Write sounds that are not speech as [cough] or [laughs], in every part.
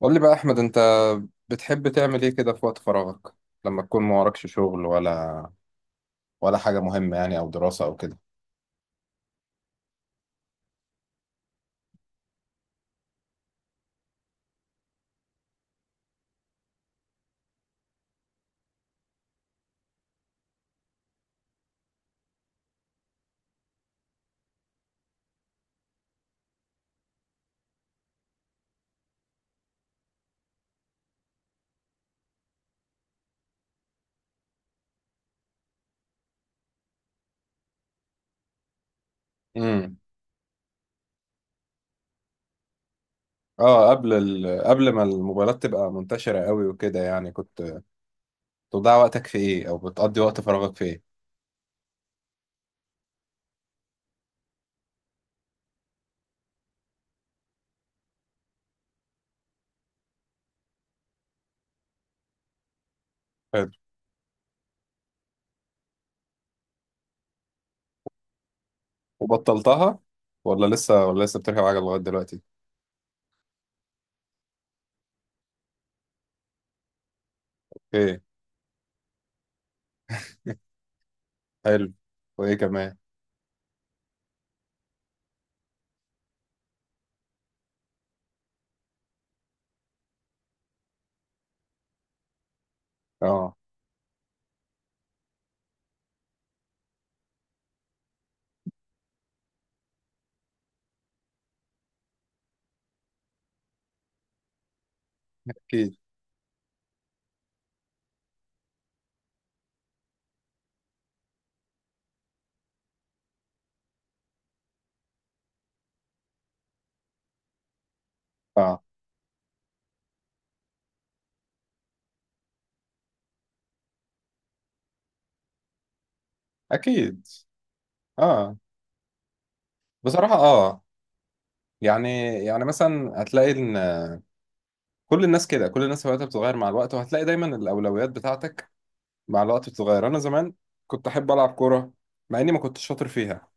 قول لي بقى احمد، انت بتحب تعمل ايه كده في وقت فراغك لما تكون ما وراكش شغل ولا حاجه مهمه يعني او دراسه او كده. امم. اه، قبل ما الموبايلات تبقى منتشره قوي وكده، يعني كنت بتضيع وقتك في ايه او بتقضي وقت فراغك في ايه؟ حلو. وبطلتها ولا لسه بتركب عجل لغايه دلوقتي؟ ايه. حلو. وايه كمان؟ اه. اكيد. اه. اكيد. اه. بصراحه اه. يعني مثلا هتلاقي ان كل الناس كده، كل الناس هواياتها بتتغير مع الوقت، وهتلاقي دايما الاولويات بتاعتك مع الوقت بتتغير. انا زمان كنت احب العب كوره مع اني ما كنتش شاطر فيها،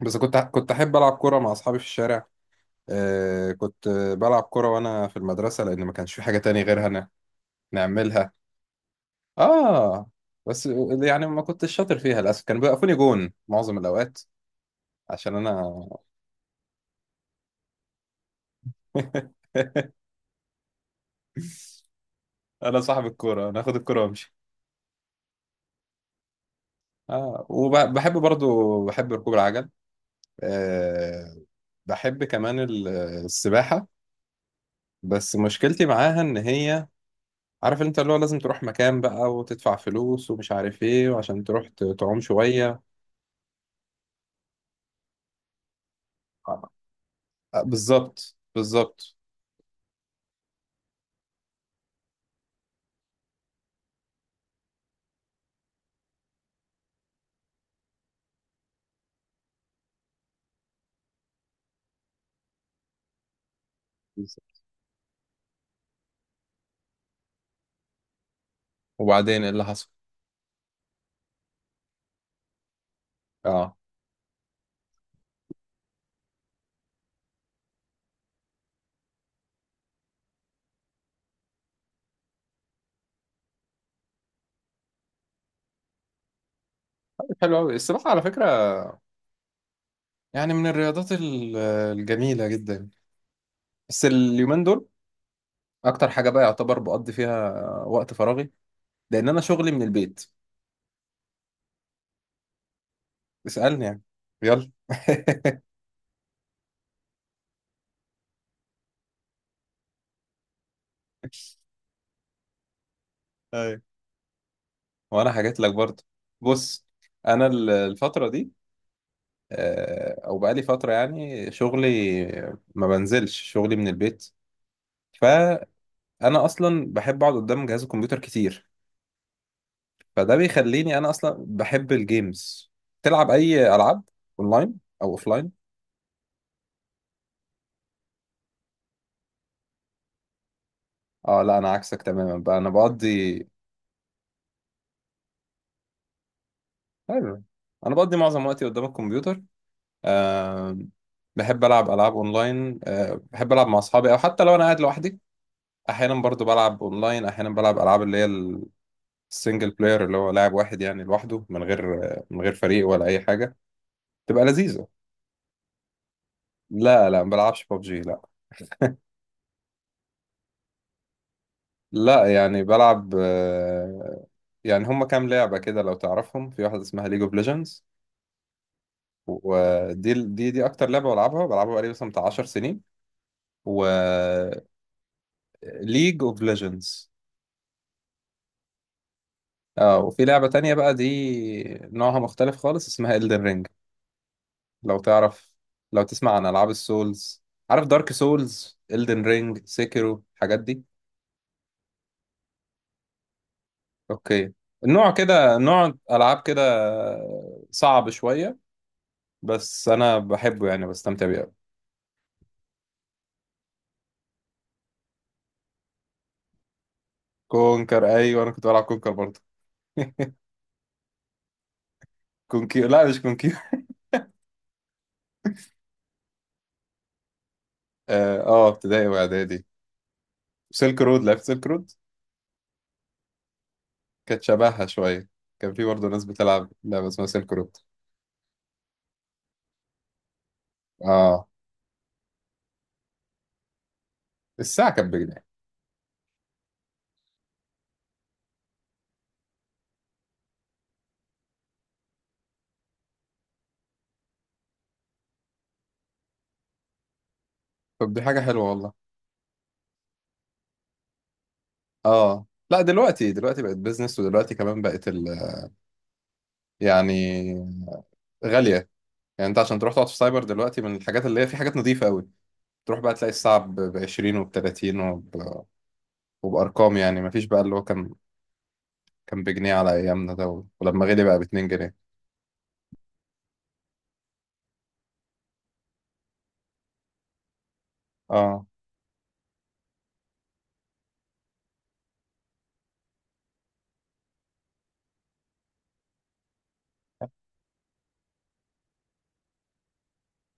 بس كنت احب العب كوره مع اصحابي في الشارع. آه، كنت بلعب كوره وانا في المدرسه لان ما كانش في حاجه تاني غيرها نعملها. اه. بس يعني ما كنتش شاطر فيها للاسف، كانوا بيوقفوني جون معظم الاوقات عشان انا [laughs] انا صاحب الكوره، انا اخد الكوره وامشي. اه، وبحب برضو بحب ركوب العجل. آه، بحب كمان السباحة، بس مشكلتي معاها ان هي، عارف انت اللي هو لازم تروح مكان بقى وتدفع فلوس ومش عارف ايه وعشان تروح تعوم شوية. آه، بالظبط بالظبط. وبعدين ايه اللي حصل؟ اه. حلو قوي السباحة على فكرة، يعني من الرياضات الجميلة جدا. بس اليومين دول اكتر حاجة بقى يعتبر بقضي فيها وقت فراغي، لان انا شغلي من البيت. اسألني يعني. يلا [laughs] أيوة. وانا حكيت لك برضه. بص، انا الفتره دي، آه، او بقالي فتره يعني شغلي ما بنزلش، شغلي من البيت، فانا اصلا بحب اقعد قدام جهاز الكمبيوتر كتير، فده بيخليني، انا اصلا بحب الجيمز. تلعب اي العاب اونلاين او اوفلاين؟ اه. لا، انا عكسك تماما بقى، انا بقضي. حلو. انا بقضي معظم وقتي قدام الكمبيوتر. آه، بحب العب العاب اونلاين، آه، بحب العب مع اصحابي، او حتى لو انا قاعد لوحدي احيانا برضو بلعب اونلاين. احيانا بلعب العاب اللي هي السنجل بلاير، اللي هو لاعب واحد يعني لوحده، من غير من غير فريق ولا اي حاجه. تبقى لذيذه. لا لا، ما بلعبش ببجي، لا. لا يعني بلعب، آه، يعني هم كام لعبه كده لو تعرفهم. في واحده اسمها ليج اوف ليجندز، ودي دي دي اكتر لعبه بلعبها بقالي مثلا بتاع 10 سنين. و ليج اوف ليجندز. اه، وفي لعبه تانية بقى، دي نوعها مختلف خالص، اسمها Elden Ring، لو تعرف، لو تسمع عن العاب السولز. عارف دارك سولز، الدن رينج، سيكيرو، الحاجات دي؟ اوكي. النوع كده، نوع العاب كده صعب شويه، بس انا بحبه يعني، بستمتع بيه أوي. كونكر، ايوه انا كنت بلعب كونكر برضه. كونكير، لا مش كونكير. اه. آه، ابتدائي واعدادي. سيلك رود، لعبت سيلك رود؟ كانت شبهها شويه، كان في برضه ناس بتلعب لعبه اسمها سيلك رود. اه. الساعه كانت بجنيه؟ طب دي حاجه حلوه والله. اه. لا، دلوقتي دلوقتي بقت بيزنس، ودلوقتي كمان بقت يعني غالية. يعني انت عشان تروح تقعد في سايبر دلوقتي، من الحاجات اللي هي في حاجات نظيفة قوي، تروح بقى تلاقي الساعة ب 20 وب 30 وبأرقام، يعني مفيش بقى اللي هو كان، كان بجنيه على أيامنا ده، ولما غلي بقى ب 2 جنيه. اه.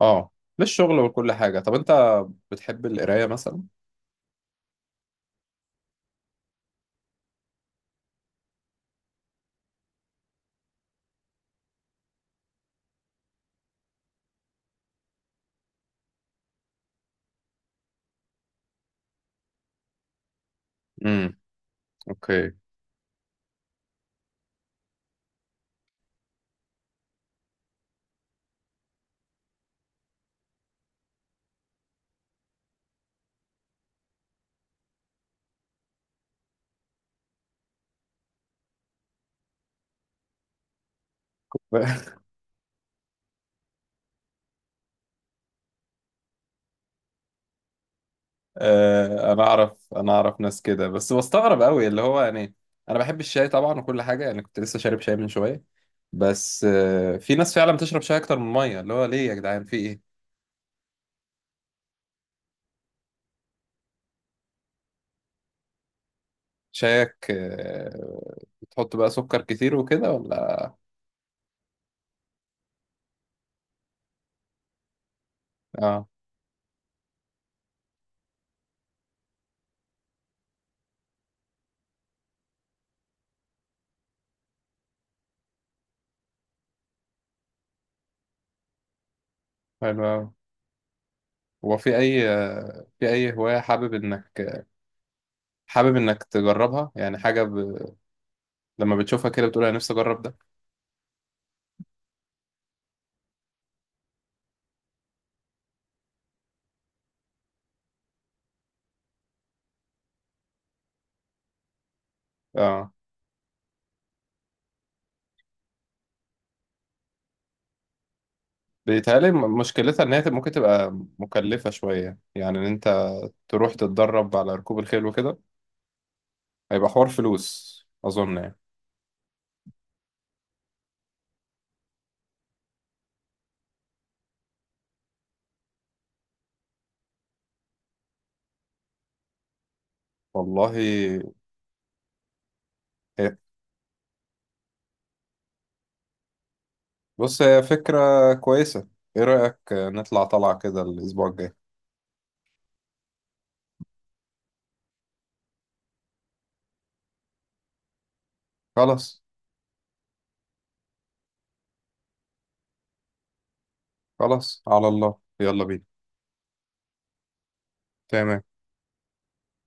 اه، للشغل وكل حاجة. طب انت بتحب القراية مثلا؟ امم. اوكي. [laughs] آه، انا اعرف، انا اعرف ناس كده، بس بستغرب قوي اللي هو يعني، انا بحب الشاي طبعا وكل حاجه يعني، كنت لسه شارب شاي من شويه، بس آه، في ناس فعلا بتشرب شاي اكتر من ميه، اللي هو ليه يا جدعان، في ايه؟ شايك، آه، بتحط بقى سكر كتير وكده ولا؟ اه. حلو أوي. هو في اي، آه، في اي هوايه حابب انك، حابب انك تجربها، يعني حاجه ب... لما بتشوفها كده بتقول انا نفسي اجرب ده؟ اه. بيتهيألي مشكلتها ان هي ممكن تبقى مكلفه شويه يعني. تروح تتدرب على ركوب الخيل وكده، هيبقى حوار فلوس أظن يعني. والله. هي- بص، هي فكرة كويسة. إيه رأيك نطلع طلعة كده الأسبوع الجاي؟ خلاص. خلاص، على الله، يلا بينا. تمام.